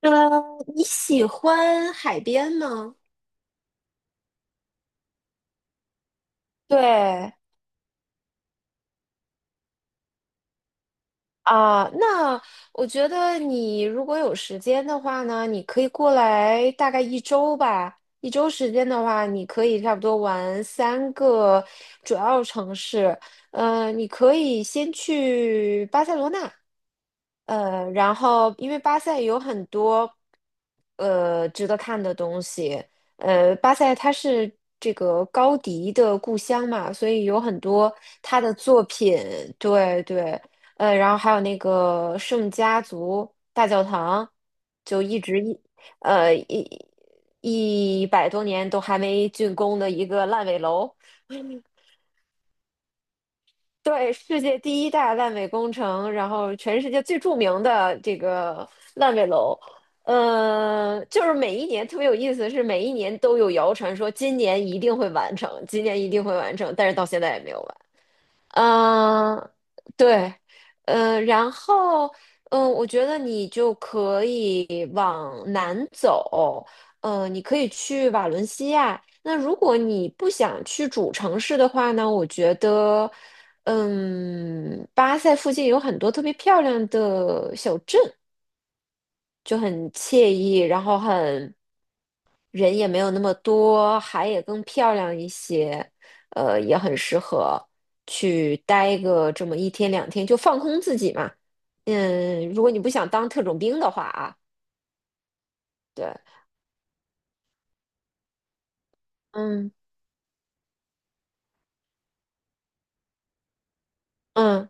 呃，你喜欢海边吗？对。那我觉得你如果有时间的话呢，你可以过来大概一周吧。一周时间的话，你可以差不多玩三个主要城市。你可以先去巴塞罗那，然后因为巴塞有很多值得看的东西，巴塞它是这个高迪的故乡嘛，所以有很多他的作品。对对。然后还有那个圣家族大教堂，就一直呃一100多年都还没竣工的一个烂尾楼。对，世界第一大烂尾工程，然后全世界最著名的这个烂尾楼。就是每一年特别有意思，是每一年都有谣传说今年一定会完成，今年一定会完成，但是到现在也没有完。嗯。对。嗯。然后，我觉得你就可以往南走。嗯，你可以去瓦伦西亚。那如果你不想去主城市的话呢，我觉得，巴塞附近有很多特别漂亮的小镇，就很惬意，然后人也没有那么多，海也更漂亮一些。也很适合去待个这么一天两天，就放空自己嘛。嗯，如果你不想当特种兵的话啊。对。嗯嗯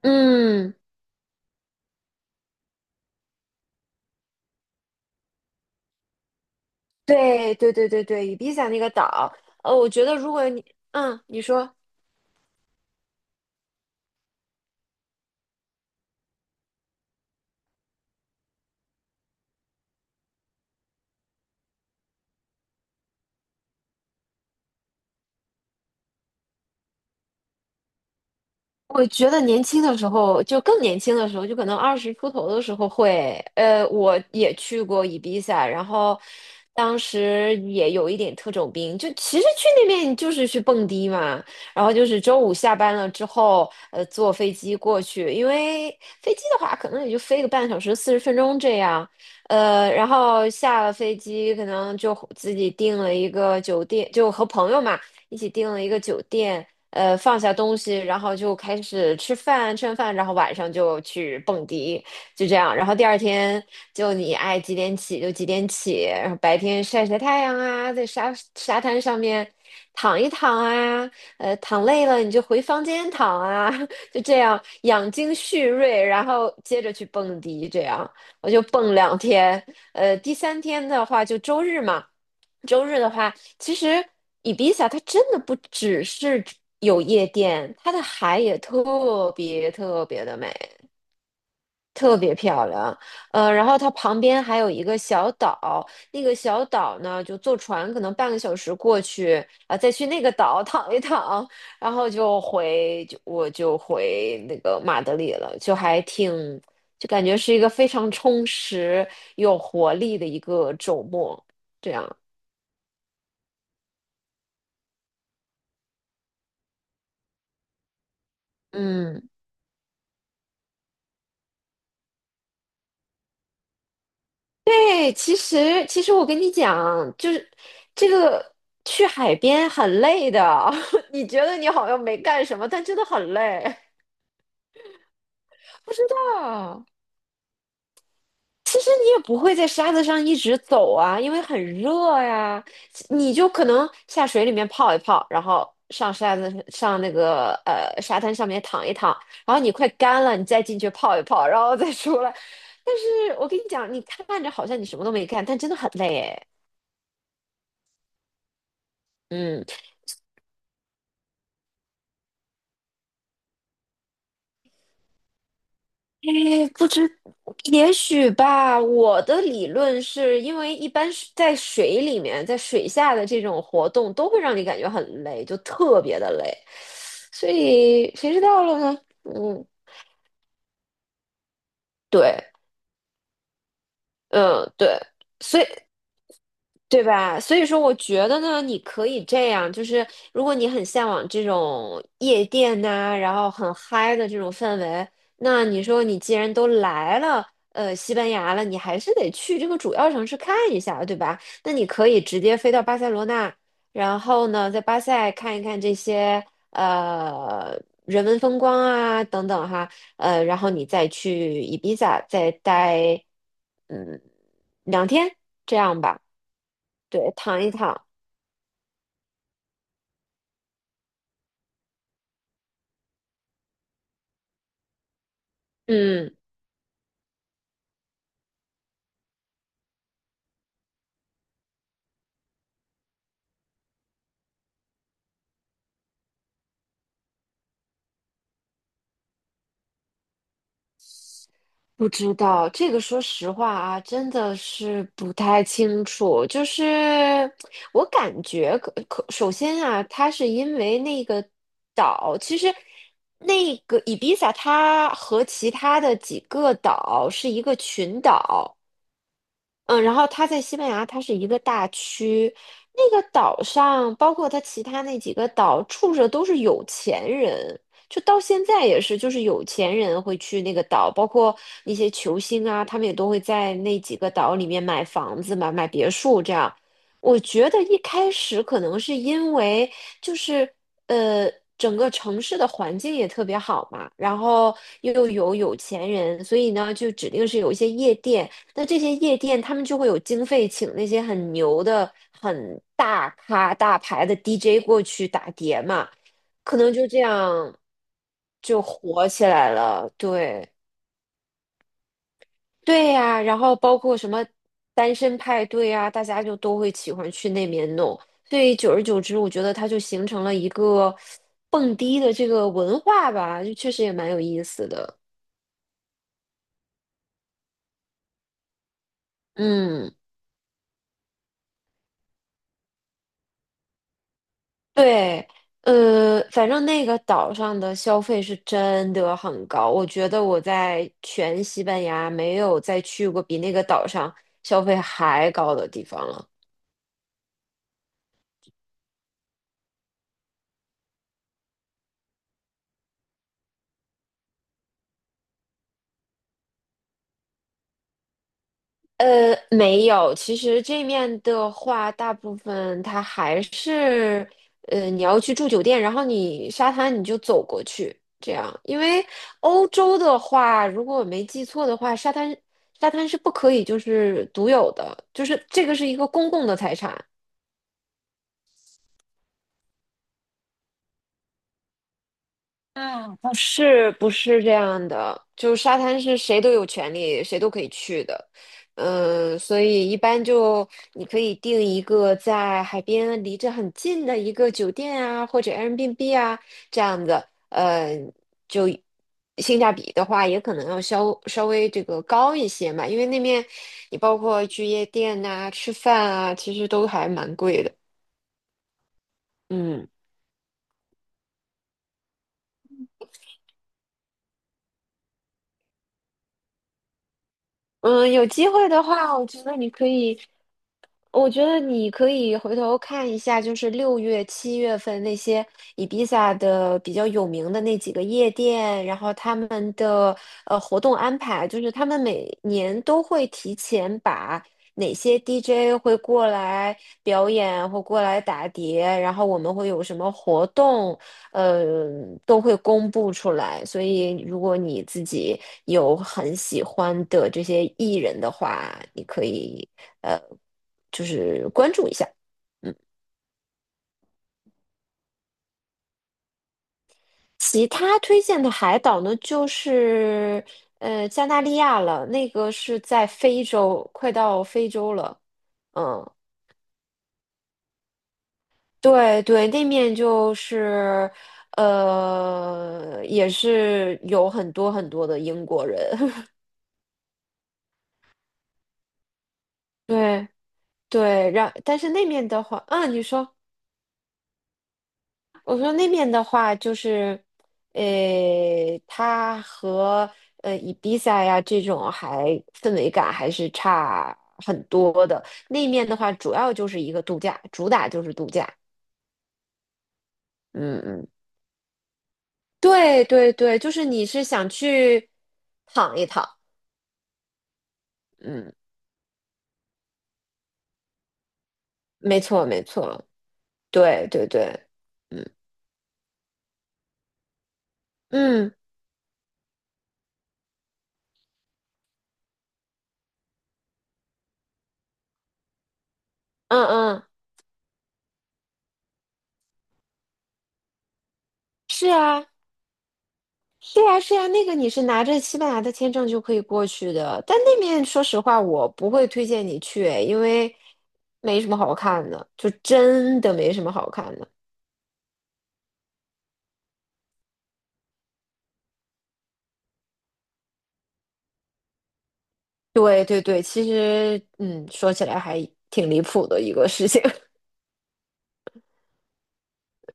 嗯。对对对对对，伊比萨那个岛。我觉得如果你，你说。我觉得年轻的时候，就更年轻的时候，就可能20出头的时候会。我也去过伊比萨，然后当时也有一点特种兵，就其实去那边就是去蹦迪嘛，然后就是周五下班了之后，坐飞机过去，因为飞机的话可能也就飞个半小时、40分钟这样。然后下了飞机可能就自己订了一个酒店，就和朋友嘛。一起订了一个酒店，放下东西，然后就开始吃饭，吃完饭，然后晚上就去蹦迪，就这样。然后第2天就你爱几点起就几点起，然后白天晒晒太阳啊，在沙滩上面躺一躺啊。躺累了你就回房间躺啊，就这样养精蓄锐，然后接着去蹦迪，这样我就蹦两天。第3天的话就周日嘛，周日的话，其实伊比萨它真的不只是有夜店，它的海也特别特别的美，特别漂亮。然后它旁边还有一个小岛，那个小岛呢，就坐船可能半个小时过去啊，再去那个岛躺一躺，然后就回就我就回那个马德里了，就还挺就感觉是一个非常充实、有活力的一个周末，这样。嗯。对，其实我跟你讲，就是这个去海边很累的，你觉得你好像没干什么，但真的很累。不知道，其实你也不会在沙子上一直走啊，因为很热呀，你就可能下水里面泡一泡，然后上沙子上那个沙滩上面躺一躺，然后你快干了，你再进去泡一泡，然后再出来。但是我跟你讲，你看着好像你什么都没干，但真的很累哎。嗯。哎，不知，也许吧。我的理论是因为一般是在水里面，在水下的这种活动都会让你感觉很累，就特别的累。所以谁知道了呢？嗯，对。嗯，对。所以。对吧？所以说，我觉得呢，你可以这样，就是如果你很向往这种夜店呐、然后很嗨的这种氛围，那你说你既然都来了，西班牙了，你还是得去这个主要城市看一下，对吧？那你可以直接飞到巴塞罗那，然后呢，在巴塞看一看这些人文风光啊等等哈。然后你再去伊比萨再待嗯两天，这样吧。对，躺一躺。嗯。不知道这个，说实话啊，真的是不太清楚。就是我感觉首先啊，它是因为那个岛，其实那个伊比萨它和其他的几个岛是一个群岛。嗯，然后它在西班牙，它是一个大区，那个岛上，包括它其他那几个岛，住着都是有钱人，就到现在也是，就是有钱人会去那个岛，包括那些球星啊，他们也都会在那几个岛里面买房子嘛，买别墅这样。我觉得一开始可能是因为就是整个城市的环境也特别好嘛，然后又有有钱人，所以呢，就指定是有一些夜店，那这些夜店，他们就会有经费请那些很牛的、很大咖、大牌的 DJ 过去打碟嘛，可能就这样就火起来了。对。对呀，然后包括什么单身派对啊，大家就都会喜欢去那边弄。所以久而久之，我觉得它就形成了一个蹦迪的这个文化吧，就确实也蛮有意思的。嗯。对。反正那个岛上的消费是真的很高，我觉得我在全西班牙没有再去过比那个岛上消费还高的地方了。没有，其实这面的话，大部分它还是，你要去住酒店，然后你沙滩你就走过去，这样。因为欧洲的话，如果我没记错的话，沙滩是不可以就是独有的，就是这个是一个公共的财产。是不是这样的？就沙滩是谁都有权利，谁都可以去的。嗯，所以一般就你可以订一个在海边离着很近的一个酒店啊，或者 Airbnb 啊这样子。嗯，就性价比的话，也可能要稍微这个高一些嘛，因为那面你包括去夜店呐、吃饭啊，其实都还蛮贵的。嗯嗯，有机会的话，我觉得你可以。我觉得你可以回头看一下，就是6月、7月份那些伊比萨的比较有名的那几个夜店，然后他们的活动安排，就是他们每年都会提前把哪些 DJ 会过来表演或过来打碟，然后我们会有什么活动，呃，都会公布出来。所以如果你自己有很喜欢的这些艺人的话，你可以。呃。其他推荐的海岛呢，就是加那利亚了，那个是在非洲，快到非洲了。嗯，对对，那面就是也是有很多很多的英国人。对对，但是那面的话，嗯，你说。我说那边的话就是，呃，它和伊比萨呀这种氛围感还是差很多的。那面的话，主要就是一个度假，主打就是度假。嗯嗯，对对对，就是你是想去躺一躺。嗯，没错没错，对对对，嗯嗯嗯嗯，是啊。是呀，是呀，那个你是拿着西班牙的签证就可以过去的，但那面说实话，我不会推荐你去，因为没什么好看的，就真的没什么好看的。对对对，其实嗯，说起来还挺离谱的一个事情。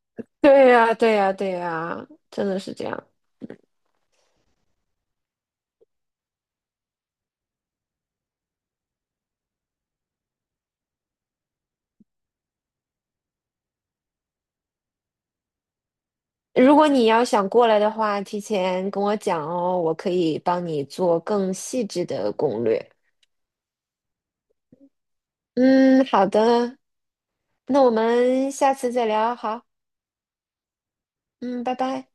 对呀，对呀，对呀，真的是这样。如果你要想过来的话，提前跟我讲哦，我可以帮你做更细致的攻略。嗯，好的，那我们下次再聊，好，嗯，拜拜。